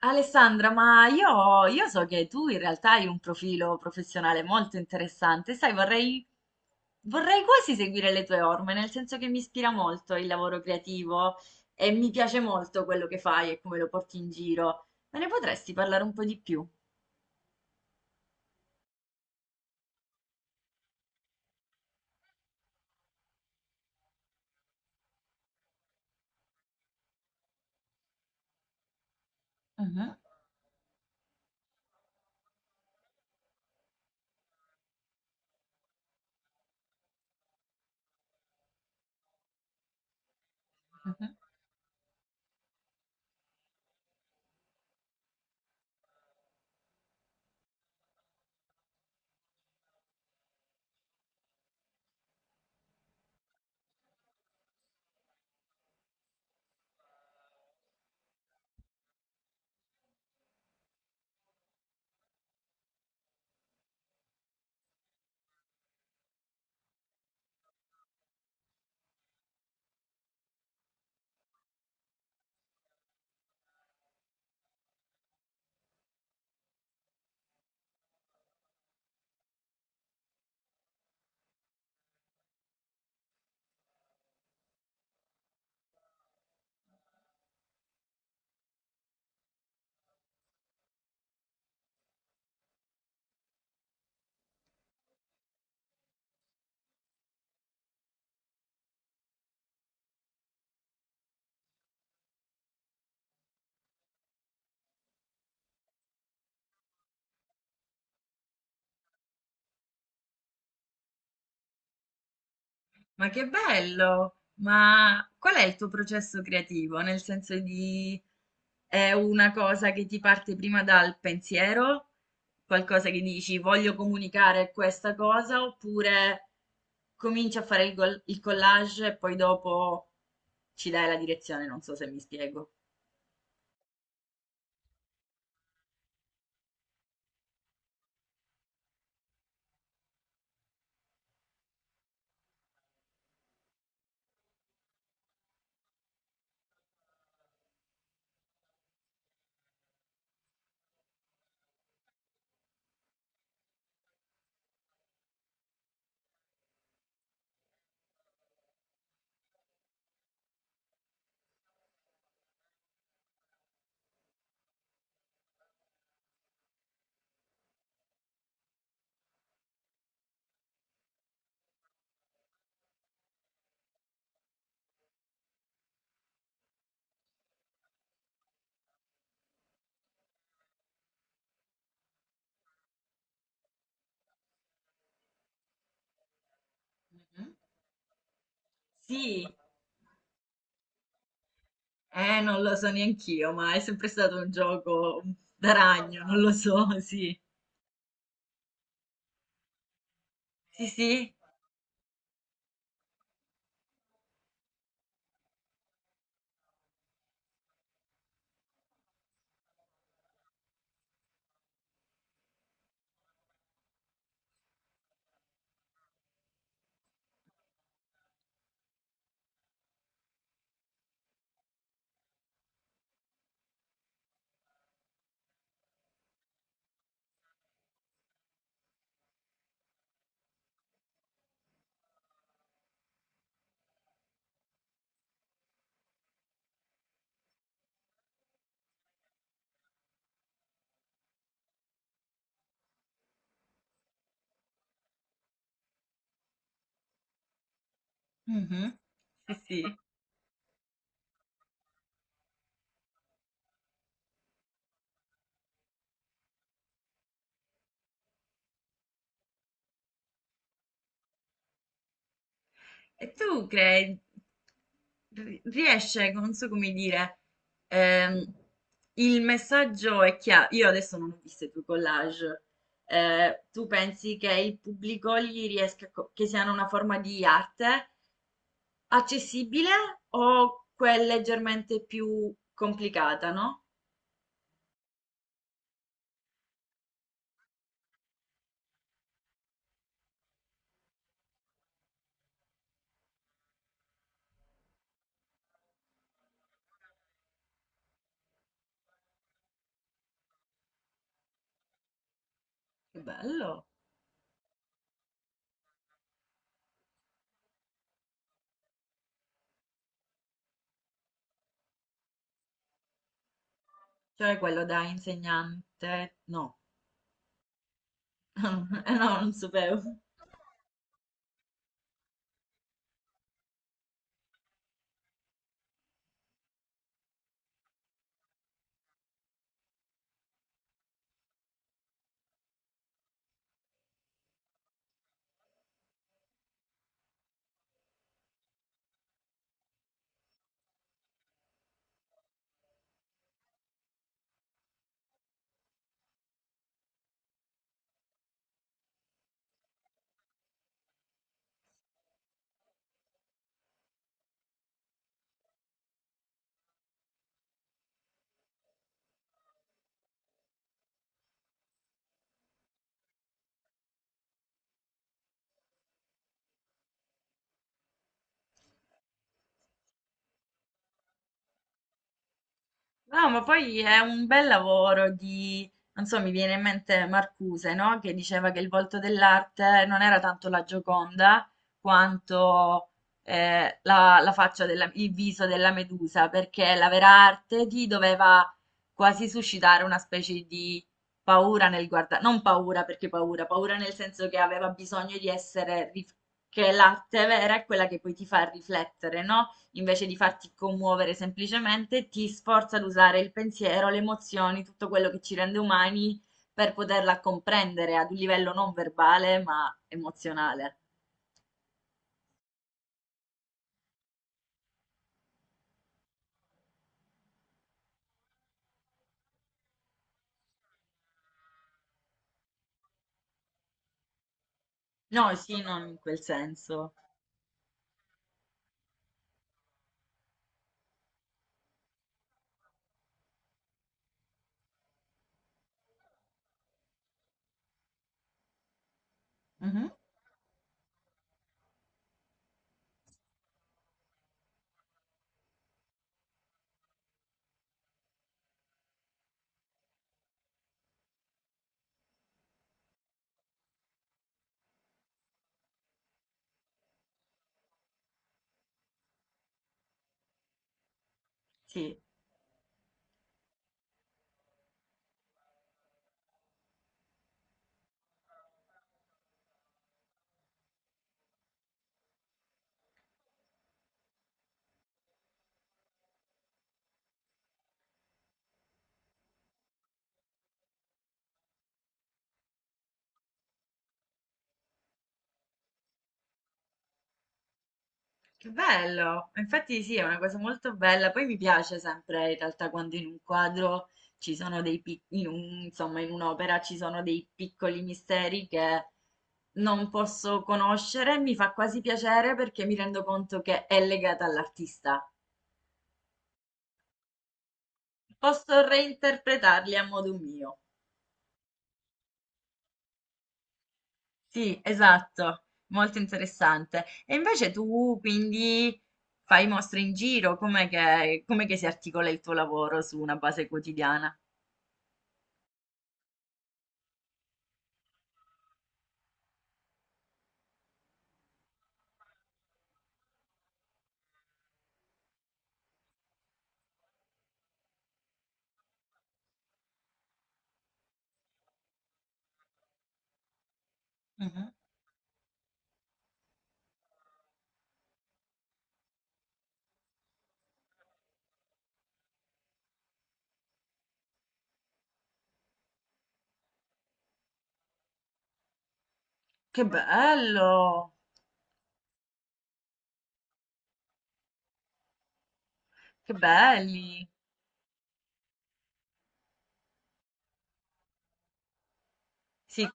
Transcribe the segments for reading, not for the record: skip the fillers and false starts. Alessandra, ma io so che tu in realtà hai un profilo professionale molto interessante, sai, vorrei quasi seguire le tue orme, nel senso che mi ispira molto il lavoro creativo e mi piace molto quello che fai e come lo porti in giro. Me ne potresti parlare un po' di più? Mhm, mhm. Ma che bello! Ma qual è il tuo processo creativo? Nel senso di è una cosa che ti parte prima dal pensiero, qualcosa che dici voglio comunicare questa cosa, oppure cominci a fare il collage e poi dopo ci dai la direzione, non so se mi spiego. Mhm. Sì, non lo so neanch'io, ma è sempre stato un gioco da ragno, non lo so, sì. Sì, sì. Mhm. Sì, sì. E tu crei, riesce, non so come dire, ehm, il messaggio è chiaro. Io adesso non ho visto i tuoi collage. Tu pensi che il pubblico gli riesca, che siano una forma di arte accessibile o quel leggermente più complicata, no? Che bello! Cioè quello da insegnante, no, no, non sapevo. No, ma poi è un bel lavoro di, non so, mi viene in mente Marcuse, no? Che diceva che il volto dell'arte non era tanto la Gioconda quanto la, la faccia della, il viso della Medusa, perché la vera arte ti doveva quasi suscitare una specie di paura nel guardare, non paura perché paura, paura nel senso che aveva bisogno di essere, che l'arte vera è quella che poi ti fa riflettere, no? Invece di farti commuovere semplicemente, ti sforza ad usare il pensiero, le emozioni, tutto quello che ci rende umani per poterla comprendere ad un livello non verbale ma emozionale. No, sì, non in quel senso. Mhm, sì. Che bello! Infatti sì, è una cosa molto bella. Poi mi piace sempre in realtà quando in un quadro ci sono dei piccoli, insomma, in un'opera ci sono dei piccoli misteri che non posso conoscere. Mi fa quasi piacere perché mi rendo conto che è legata all'artista. Posso reinterpretarli a modo mio. Sì, esatto, molto interessante. E invece tu quindi fai mostre in giro, com'è che si articola il tuo lavoro su una base quotidiana? Mhm. Che bello, che belli. Sì,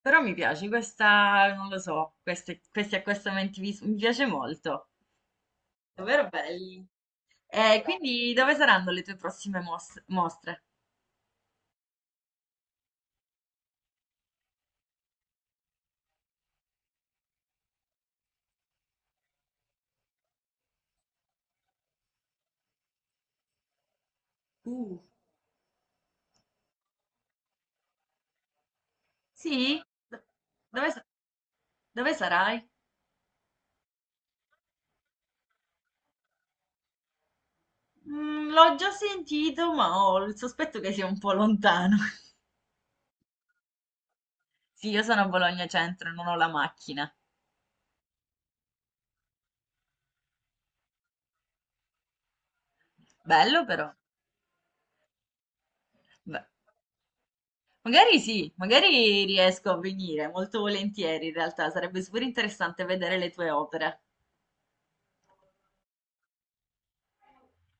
però mi piace questa, non lo so, queste, questi accostamenti mi piace molto. Davvero belli. E quindi dove saranno le tue prossime mostre? Uh, Sì? Do- Dove, dove sarai? Mm, l'ho già sentito, ma ho il sospetto che sia un po' lontano. Sì, io sono a Bologna Centro, non ho la macchina. Bello però. Beh. Magari sì, magari riesco a venire, molto volentieri in realtà, sarebbe super interessante vedere le tue opere.